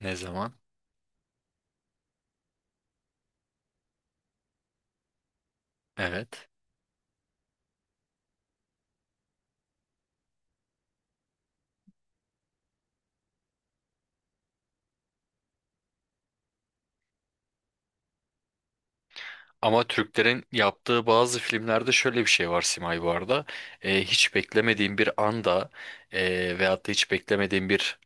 Ne zaman? Evet. Ama Türklerin yaptığı bazı filmlerde şöyle bir şey var Simay bu arada. Hiç beklemediğin bir anda veyahut da hiç beklemediğin bir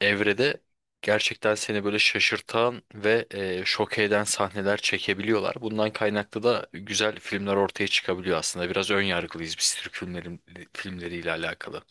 evrede gerçekten seni böyle şaşırtan ve şok eden sahneler çekebiliyorlar. Bundan kaynaklı da güzel filmler ortaya çıkabiliyor aslında. Biraz ön yargılıyız biz Türk filmleriyle alakalı.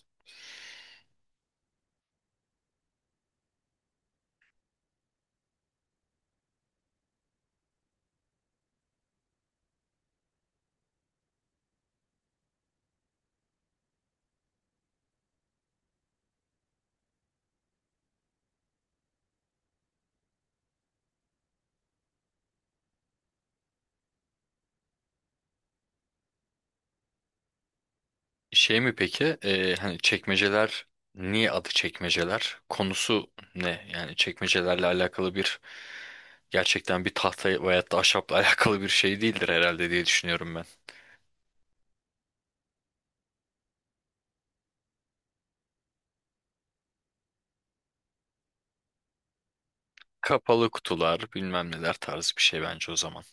Şey mi peki? Hani çekmeceler niye adı çekmeceler? Konusu ne? Yani çekmecelerle alakalı bir gerçekten bir tahta veyahut da ahşapla alakalı bir şey değildir herhalde diye düşünüyorum ben. Kapalı kutular, bilmem neler tarzı bir şey bence o zaman.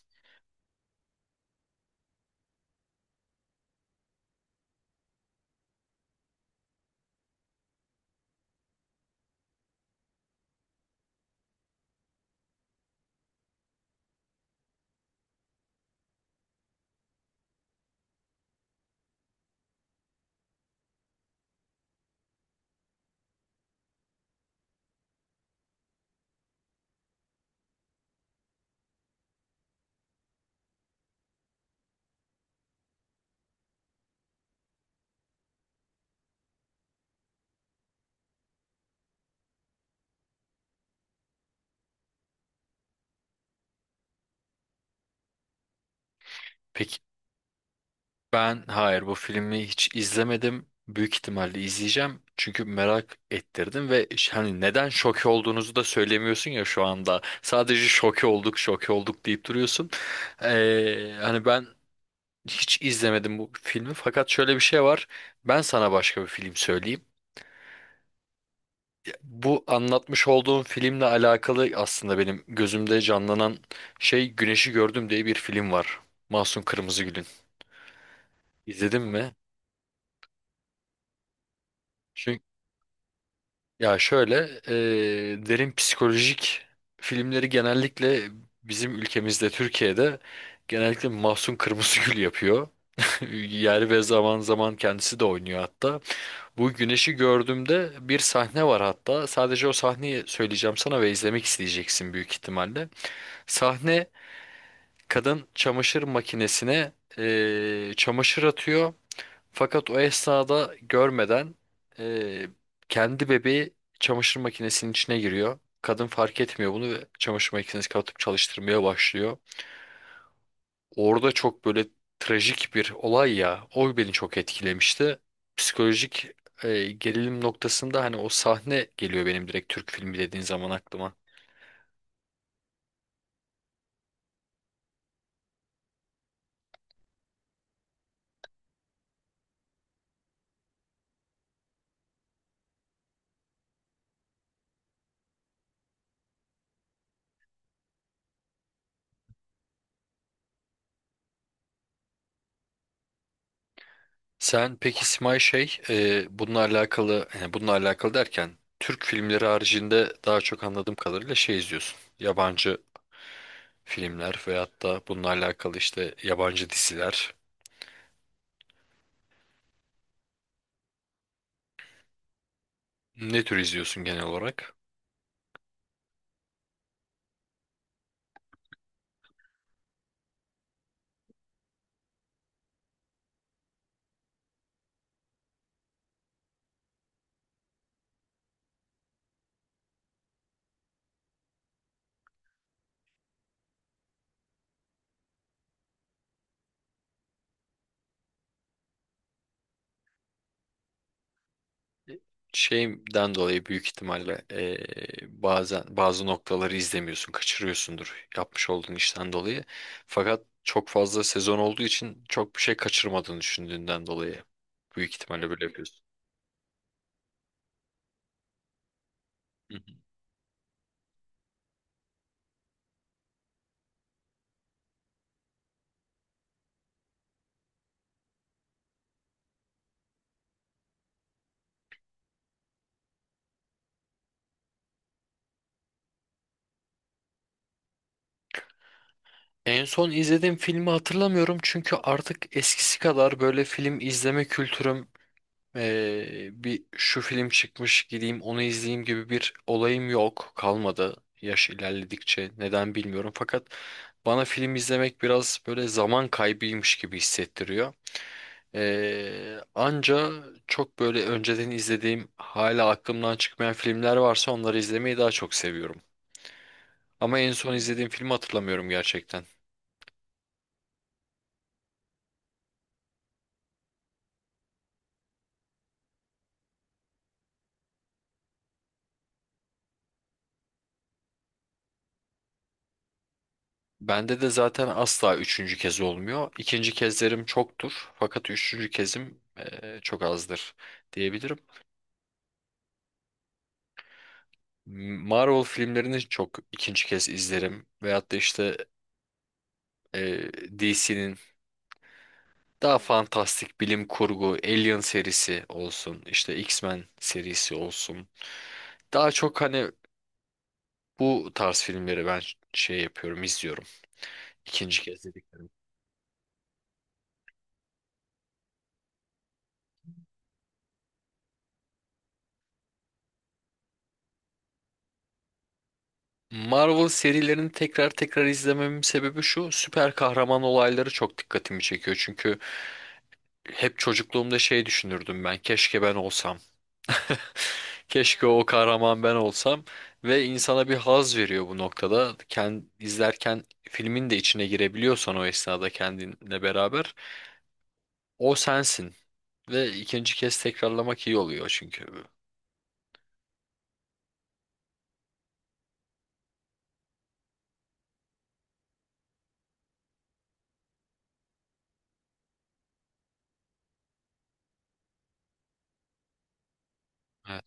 Peki, ben hayır bu filmi hiç izlemedim. Büyük ihtimalle izleyeceğim. Çünkü merak ettirdim ve hani neden şoke olduğunuzu da söylemiyorsun ya şu anda. Sadece şoke olduk, şoke olduk deyip duruyorsun. Hani ben hiç izlemedim bu filmi fakat şöyle bir şey var. Ben sana başka bir film söyleyeyim. Bu anlatmış olduğum filmle alakalı aslında benim gözümde canlanan şey Güneşi Gördüm diye bir film var. Mahsun Kırmızıgül'ün. İzledin mi? Çünkü ya şöyle derin psikolojik filmleri genellikle bizim ülkemizde Türkiye'de genellikle Mahsun Kırmızıgül yapıyor. Yer ve zaman zaman kendisi de oynuyor hatta. Bu güneşi gördüğümde bir sahne var hatta. Sadece o sahneyi söyleyeceğim sana ve izlemek isteyeceksin büyük ihtimalle. Sahne, kadın çamaşır makinesine çamaşır atıyor. Fakat o esnada görmeden eee, kendi bebeği çamaşır makinesinin içine giriyor. Kadın fark etmiyor bunu ve çamaşır makinesini kapatıp çalıştırmaya başlıyor. Orada çok böyle trajik bir olay ya. O beni çok etkilemişti. Psikolojik gerilim noktasında hani o sahne geliyor benim direkt Türk filmi dediğin zaman aklıma. Sen peki Simay şey bununla alakalı, yani bununla alakalı derken Türk filmleri haricinde daha çok anladığım kadarıyla şey izliyorsun. Yabancı filmler veyahut da bununla alakalı işte yabancı diziler. Ne tür izliyorsun genel olarak? Şeyden dolayı büyük ihtimalle bazen bazı noktaları izlemiyorsun, kaçırıyorsundur yapmış olduğun işten dolayı. Fakat çok fazla sezon olduğu için çok bir şey kaçırmadığını düşündüğünden dolayı büyük ihtimalle böyle yapıyorsun. Hı hı. En son izlediğim filmi hatırlamıyorum çünkü artık eskisi kadar böyle film izleme kültürüm bir şu film çıkmış gideyim onu izleyeyim gibi bir olayım yok kalmadı. Yaş ilerledikçe neden bilmiyorum fakat bana film izlemek biraz böyle zaman kaybıymış gibi hissettiriyor. Anca çok böyle önceden izlediğim hala aklımdan çıkmayan filmler varsa onları izlemeyi daha çok seviyorum. Ama en son izlediğim filmi hatırlamıyorum gerçekten. Bende de zaten asla üçüncü kez olmuyor. İkinci kezlerim çoktur. Fakat üçüncü kezim çok azdır diyebilirim. Marvel filmlerini çok ikinci kez izlerim. Veyahut da işte DC'nin daha fantastik bilim kurgu Alien serisi olsun, işte X-Men serisi olsun. Daha çok hani bu tarz filmleri ben şey yapıyorum, izliyorum. İkinci kez dedik. Marvel serilerini tekrar tekrar izlememin sebebi şu: süper kahraman olayları çok dikkatimi çekiyor. Çünkü hep çocukluğumda şey düşünürdüm ben, keşke ben olsam. Keşke o kahraman ben olsam ve insana bir haz veriyor bu noktada. Kend, izlerken filmin de içine girebiliyorsan o esnada kendinle beraber o sensin ve ikinci kez tekrarlamak iyi oluyor çünkü. Evet.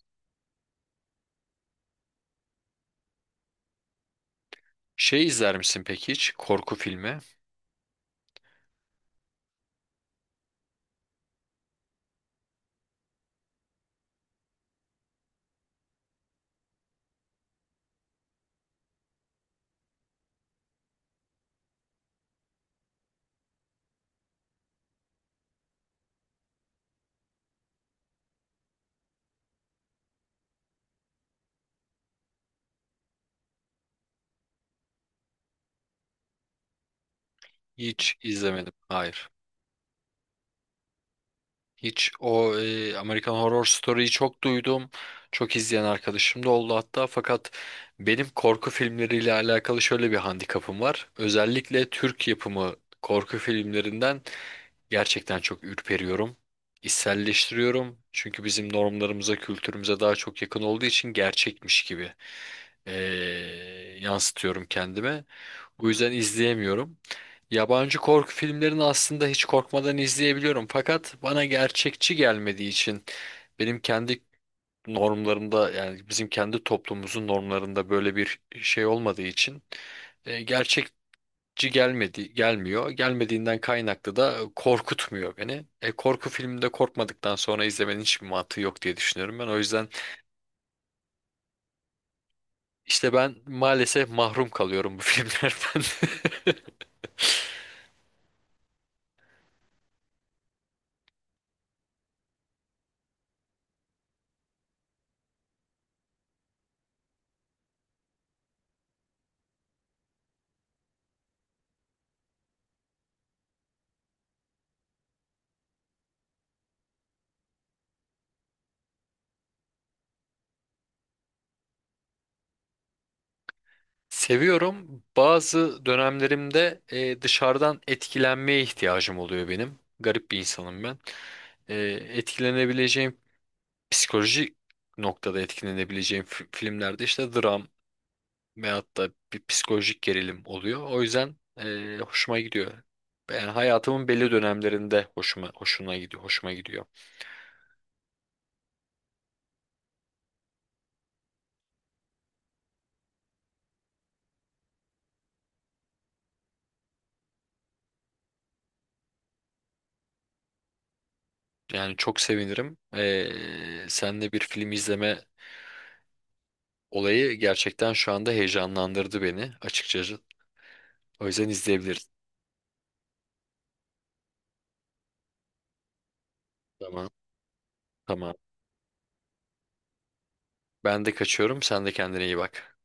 Şey izler misin peki hiç? Korku filmi? Hiç izlemedim. Hayır. Hiç o American Horror Story'yi çok duydum. Çok izleyen arkadaşım da oldu hatta. Fakat benim korku filmleriyle alakalı şöyle bir handikapım var. Özellikle Türk yapımı korku filmlerinden gerçekten çok ürperiyorum. İçselleştiriyorum. Çünkü bizim normlarımıza, kültürümüze daha çok yakın olduğu için gerçekmiş gibi e, yansıtıyorum kendime. Bu yüzden izleyemiyorum. Yabancı korku filmlerini aslında hiç korkmadan izleyebiliyorum. Fakat bana gerçekçi gelmediği için benim kendi normlarımda, yani bizim kendi toplumumuzun normlarında böyle bir şey olmadığı için e, gerçekçi gelmedi gelmiyor. Gelmediğinden kaynaklı da korkutmuyor beni. Korku filminde korkmadıktan sonra izlemenin hiçbir mantığı yok diye düşünüyorum ben. O yüzden işte ben maalesef mahrum kalıyorum bu filmlerden. Seviyorum. Bazı dönemlerimde dışarıdan etkilenmeye ihtiyacım oluyor benim. Garip bir insanım ben. E, Etkilenebileceğim psikolojik noktada etkilenebileceğim filmlerde işte dram veyahut da bir psikolojik gerilim oluyor. O yüzden hoşuma gidiyor. Yani hayatımın belli dönemlerinde hoşuna gidiyor, hoşuma gidiyor. Yani çok sevinirim. Seninle bir film izleme olayı gerçekten şu anda heyecanlandırdı beni açıkçası. O yüzden izleyebiliriz. Tamam. Tamam. Ben de kaçıyorum. Sen de kendine iyi bak.